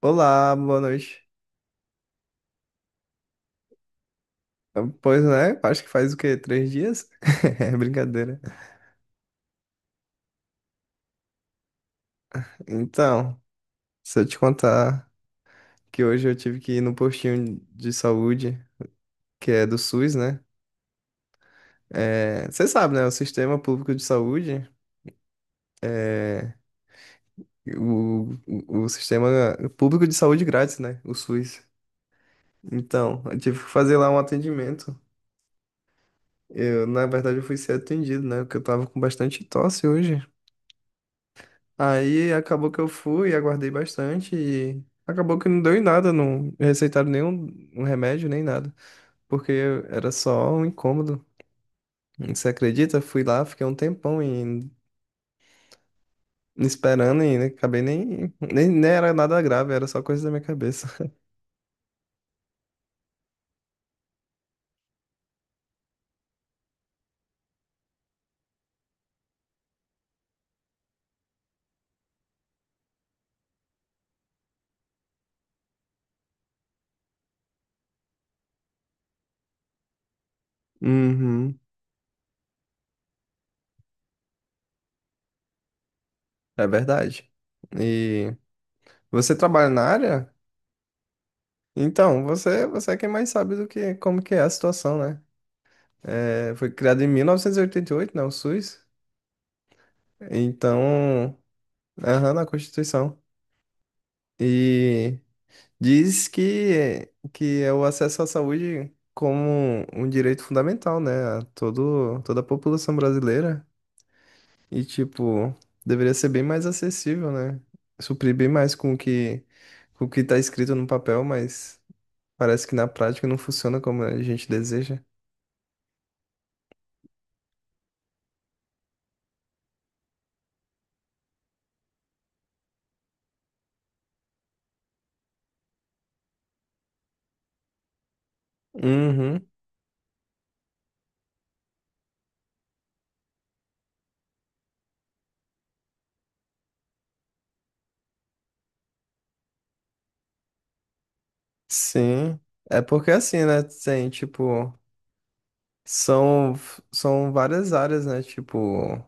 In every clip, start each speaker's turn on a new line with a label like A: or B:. A: Olá, boa noite. Pois né, acho que faz o quê? Três dias? É brincadeira. Então, se eu te contar que hoje eu tive que ir no postinho de saúde, que é do SUS, né? É, você sabe, né? O sistema público de saúde, o sistema público de saúde grátis, né? O SUS. Então, eu tive que fazer lá um atendimento. Eu, na verdade, eu fui ser atendido, né? Porque eu tava com bastante tosse hoje. Aí acabou que eu fui, aguardei bastante e acabou que não deu em nada, não receitaram nenhum um remédio nem nada, porque era só um incômodo. Você acredita? Fui lá, fiquei um tempão e esperando e acabei nem era nada grave, era só coisa da minha cabeça. Uhum, é verdade. E você trabalha na área? Então, você é quem mais sabe do que como que é a situação, né? É, foi criado em 1988, né, o SUS. Então, aham, na Constituição. E diz que é o acesso à saúde como um direito fundamental, né? A todo, toda a população brasileira. E, tipo, deveria ser bem mais acessível, né? Suprir bem mais com o que tá escrito no papel, mas parece que na prática não funciona como a gente deseja. Uhum, sim. É porque assim, né? Tem, tipo. São, são várias áreas, né? Tipo,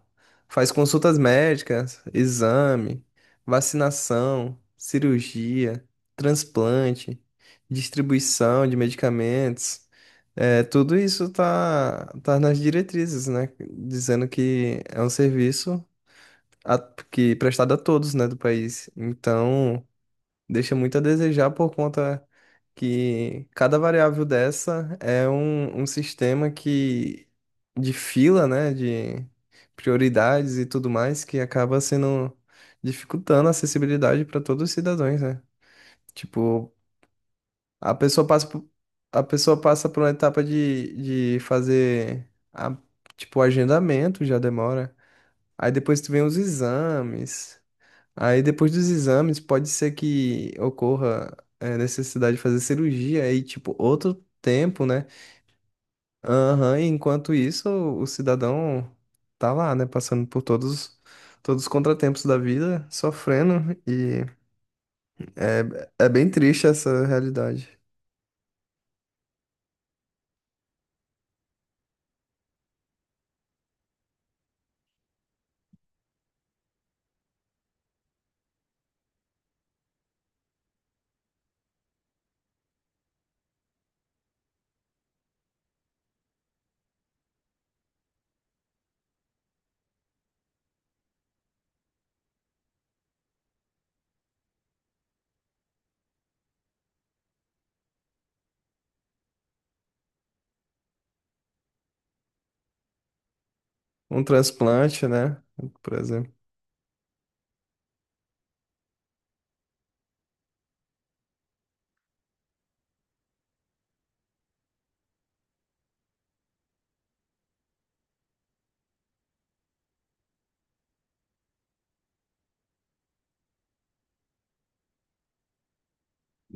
A: faz consultas médicas, exame, vacinação, cirurgia, transplante, distribuição de medicamentos. É, tudo isso tá, tá nas diretrizes, né? Dizendo que é um serviço a- que é prestado a todos, né, do país. Então, deixa muito a desejar por conta que cada variável dessa é um, um sistema que de fila, né, de prioridades e tudo mais, que acaba sendo dificultando a acessibilidade para todos os cidadãos, né? Tipo, a pessoa passa por, a pessoa passa por uma etapa de fazer a, tipo, o agendamento já demora. Aí depois tu vem os exames. Aí depois dos exames, pode ser que ocorra é, necessidade de fazer cirurgia aí, tipo, outro tempo, né? Aham, e enquanto isso, o cidadão tá lá, né? Passando por todos, todos os contratempos da vida, sofrendo, e é, é bem triste essa realidade. Um transplante, né? Por exemplo.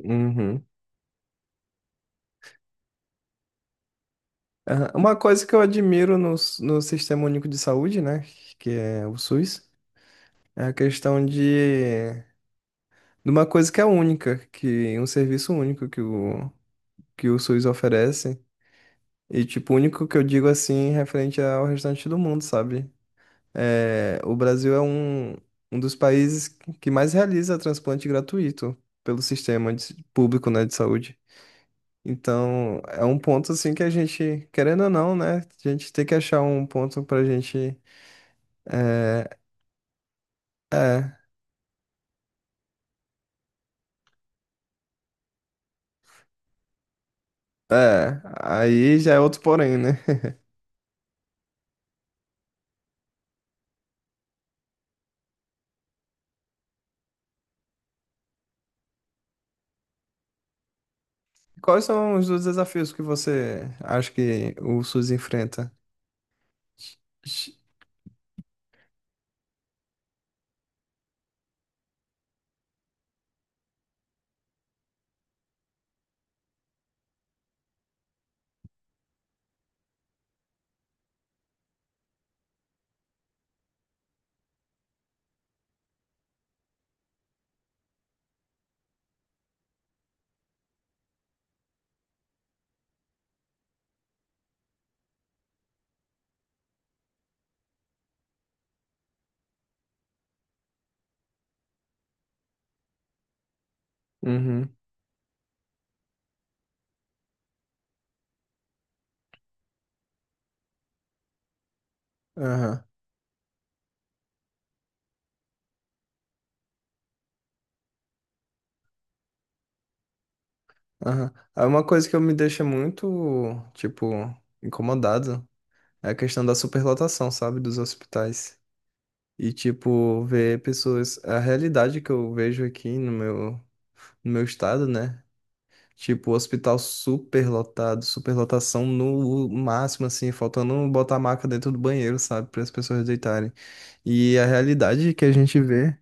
A: Uhum. Aham. Uma coisa que eu admiro no, no Sistema Único de Saúde, né? Que é o SUS, é a questão de uma coisa que é única, que um serviço único que o SUS oferece. E, tipo, único que eu digo assim, referente ao restante do mundo, sabe? É, o Brasil é um, um dos países que mais realiza transplante gratuito pelo público, né, de saúde. Então, é um ponto, assim, que a gente, querendo ou não, né, a gente tem que achar um ponto pra gente. É, é, é. Aí já é outro porém, né? Quais são os dois desafios que você acha que o SUS enfrenta? Ixi, uhum, aham, aham. Uma coisa que eu me deixa muito, tipo, incomodado é a questão da superlotação, sabe, dos hospitais. E, tipo, ver pessoas... A realidade que eu vejo aqui no meu, no meu estado, né? Tipo, hospital superlotado, superlotação no máximo, assim, faltando botar a maca dentro do banheiro, sabe, para as pessoas deitarem. E a realidade que a gente vê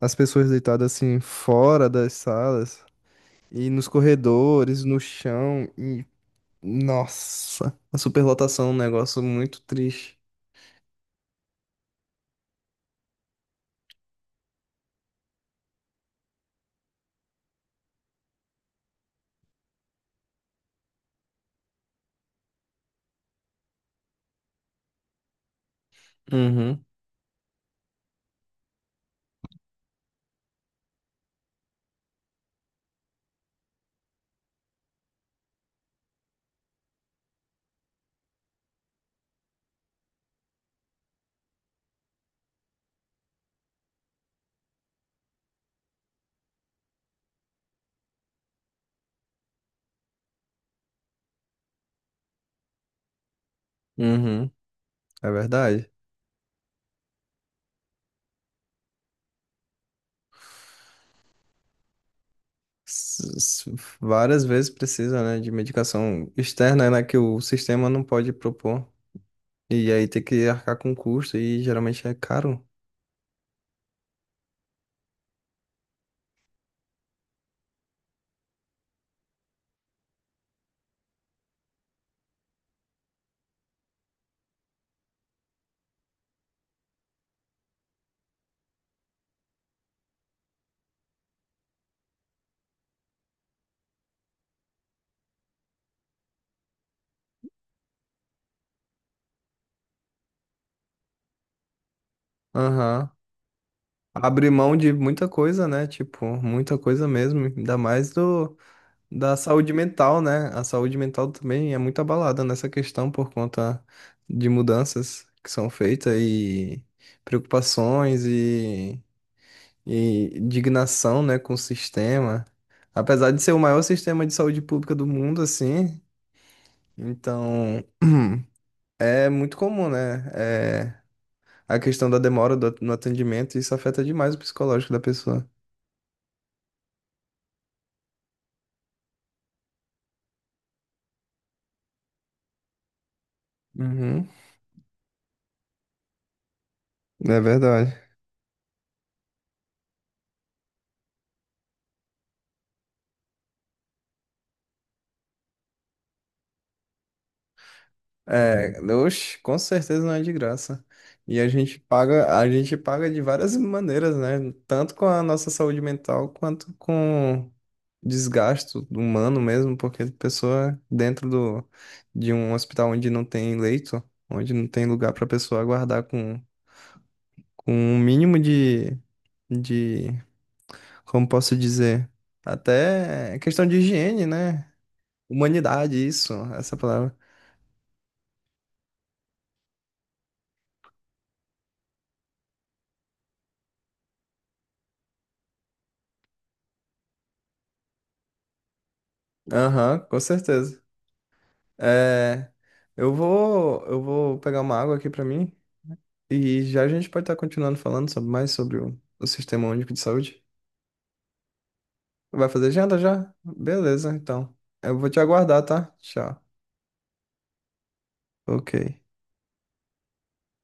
A: as pessoas deitadas assim fora das salas e nos corredores, no chão e nossa, a superlotação é um negócio muito triste. Uhum, uhum, é verdade. S- s- Várias vezes precisa, né, de medicação externa, né, que o sistema não pode propor. E aí tem que arcar com custo e geralmente é caro. Aham. Abre mão de muita coisa, né? Tipo, muita coisa mesmo. Ainda mais do, da saúde mental, né? A saúde mental também é muito abalada nessa questão por conta de mudanças que são feitas e preocupações e indignação, né, com o sistema. Apesar de ser o maior sistema de saúde pública do mundo, assim, então é muito comum, né? É, a questão da demora no atendimento, isso afeta demais o psicológico da pessoa. Uhum, é verdade. É, oxe, com certeza não é de graça. E a gente paga de várias maneiras, né? Tanto com a nossa saúde mental quanto com desgasto humano mesmo, porque pessoa dentro do, de um hospital onde não tem leito, onde não tem lugar para pessoa aguardar com um mínimo de, como posso dizer, até questão de higiene, né? Humanidade, isso, essa palavra. Aham, com certeza. É, eu vou pegar uma água aqui pra mim e já a gente pode estar continuando falando mais sobre o Sistema Único de Saúde. Vai fazer agenda já? Beleza, então. Eu vou te aguardar, tá? Tchau. Ok.